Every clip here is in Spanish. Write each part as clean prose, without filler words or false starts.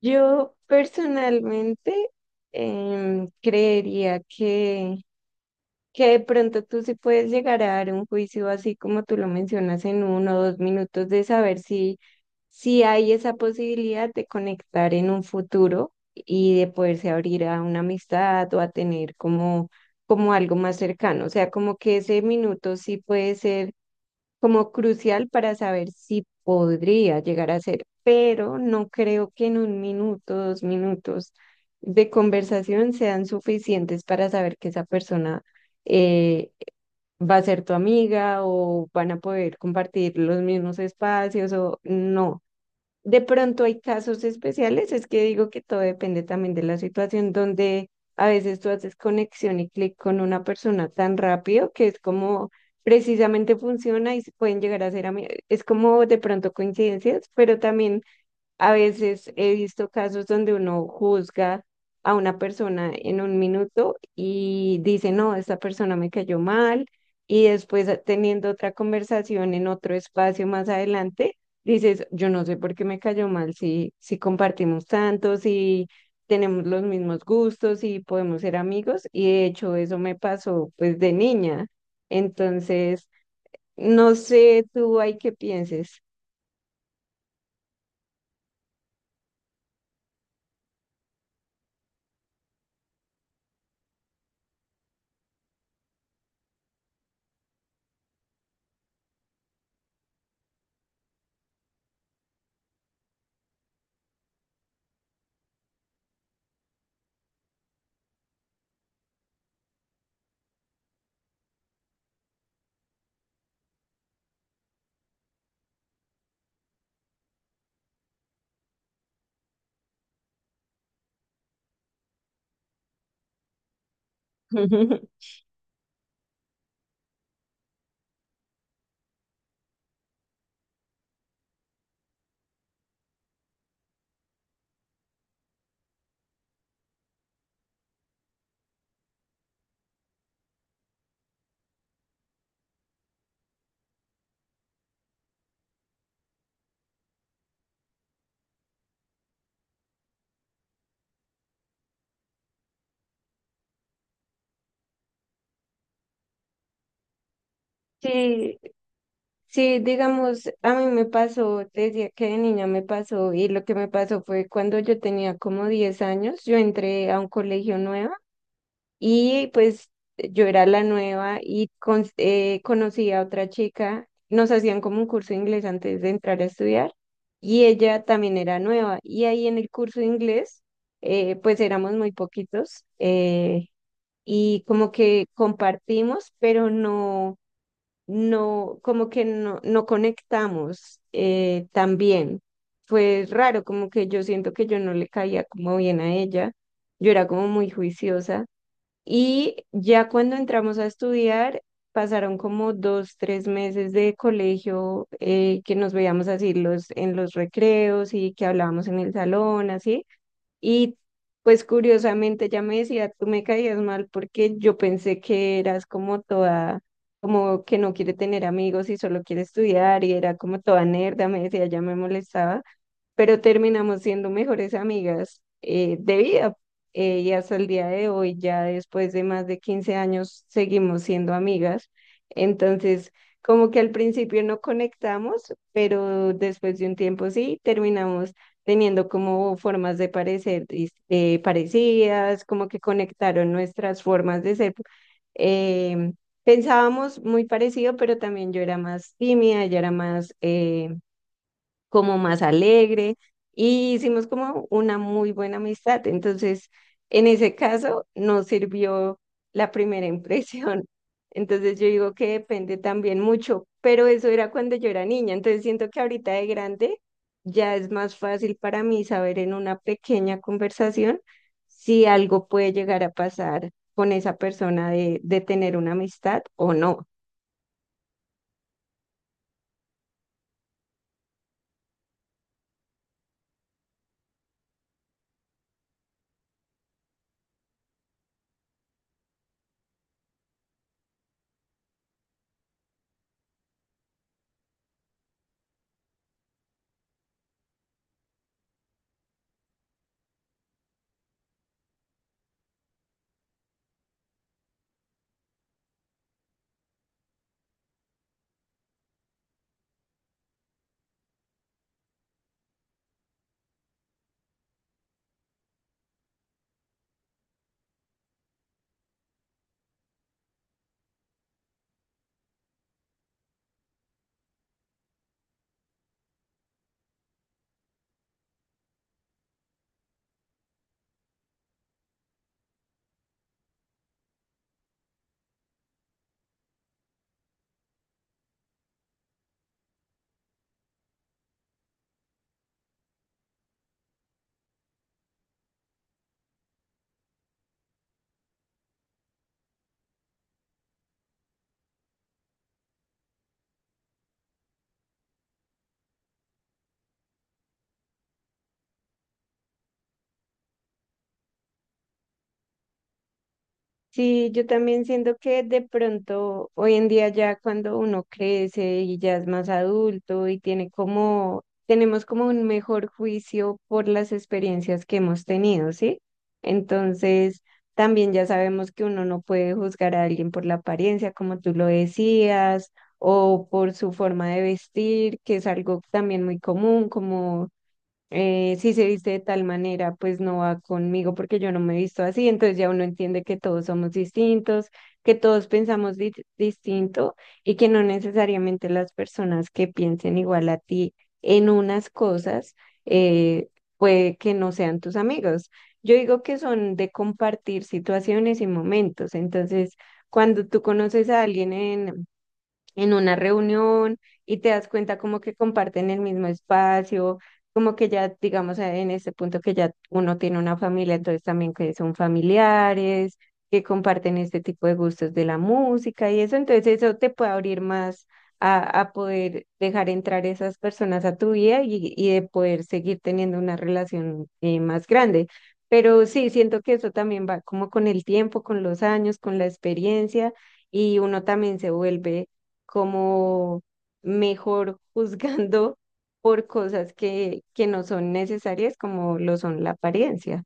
Yo personalmente creería que de pronto tú sí puedes llegar a dar un juicio así como tú lo mencionas en 1 o 2 minutos de saber si hay esa posibilidad de conectar en un futuro y de poderse abrir a una amistad o a tener como algo más cercano. O sea, como que ese minuto sí puede ser como crucial para saber si podría llegar a ser, pero no creo que en 1 minuto, 2 minutos de conversación sean suficientes para saber que esa persona eh, va a ser tu amiga o van a poder compartir los mismos espacios o no. De pronto hay casos especiales, es que digo que todo depende también de la situación donde a veces tú haces conexión y clic con una persona tan rápido que es como precisamente funciona y se pueden llegar a ser amigos. Es como de pronto coincidencias, pero también a veces he visto casos donde uno juzga a una persona en 1 minuto y dice, no, esta persona me cayó mal, y después teniendo otra conversación en otro espacio más adelante, dices, yo no sé por qué me cayó mal, si compartimos tanto, si tenemos los mismos gustos, si podemos ser amigos, y de hecho eso me pasó pues de niña. Entonces, no sé tú hay qué pienses. Sí, sí, digamos, a mí me pasó, te decía que de niña me pasó y lo que me pasó fue cuando yo tenía como 10 años, yo entré a un colegio nuevo y pues yo era la nueva y conocí a otra chica, nos hacían como un curso de inglés antes de entrar a estudiar y ella también era nueva y ahí en el curso de inglés pues éramos muy poquitos, y como que compartimos, pero no, no, como que no, no conectamos tan bien. Fue raro, como que yo siento que yo no le caía como bien a ella. Yo era como muy juiciosa. Y ya cuando entramos a estudiar, pasaron como 2, 3 meses de colegio, que nos veíamos así los, en los recreos y que hablábamos en el salón, así. Y pues curiosamente ella me decía, tú me caías mal porque yo pensé que eras como toda, como que no quiere tener amigos y solo quiere estudiar y era como toda nerda, me decía, ya me molestaba, pero terminamos siendo mejores amigas, de vida. Y hasta el día de hoy, ya después de más de 15 años, seguimos siendo amigas. Entonces, como que al principio no conectamos, pero después de un tiempo sí, terminamos teniendo como formas de parecer parecidas, como que conectaron nuestras formas de ser. em, Pensábamos muy parecido, pero también yo era más tímida, ella era más, como más alegre, y hicimos como una muy buena amistad. Entonces, en ese caso, nos sirvió la primera impresión. Entonces, yo digo que depende también mucho, pero eso era cuando yo era niña. Entonces, siento que ahorita de grande ya es más fácil para mí saber en una pequeña conversación si algo puede llegar a pasar con esa persona de tener una amistad o no. Sí, yo también siento que de pronto hoy en día ya cuando uno crece y ya es más adulto y tiene como, tenemos como un mejor juicio por las experiencias que hemos tenido, ¿sí? Entonces, también ya sabemos que uno no puede juzgar a alguien por la apariencia, como tú lo decías, o por su forma de vestir, que es algo también muy común, como si se viste de tal manera, pues no va conmigo porque yo no me he visto así, entonces ya uno entiende que todos somos distintos, que todos pensamos distinto, y que no necesariamente las personas que piensen igual a ti en unas cosas, eh, puede que no sean tus amigos. Yo digo que son de compartir situaciones y momentos, entonces cuando tú conoces a alguien en una reunión y te das cuenta como que comparten el mismo espacio, como que ya, digamos, en este punto que ya uno tiene una familia, entonces también que son familiares, que comparten este tipo de gustos de la música y eso, entonces eso te puede abrir más a poder dejar entrar esas personas a tu vida y de poder seguir teniendo una relación, más grande. Pero sí, siento que eso también va como con el tiempo, con los años, con la experiencia, y uno también se vuelve como mejor juzgando por cosas que no son necesarias como lo son la apariencia.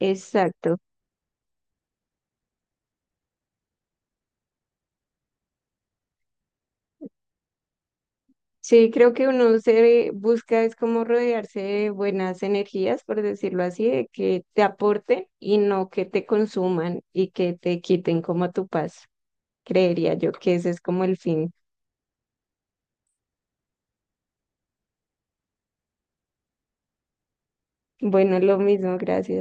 Exacto. Sí, creo que uno se busca es como rodearse de buenas energías, por decirlo así, de que te aporten y no que te consuman y que te quiten como tu paz. Creería yo que ese es como el fin. Bueno, lo mismo, gracias.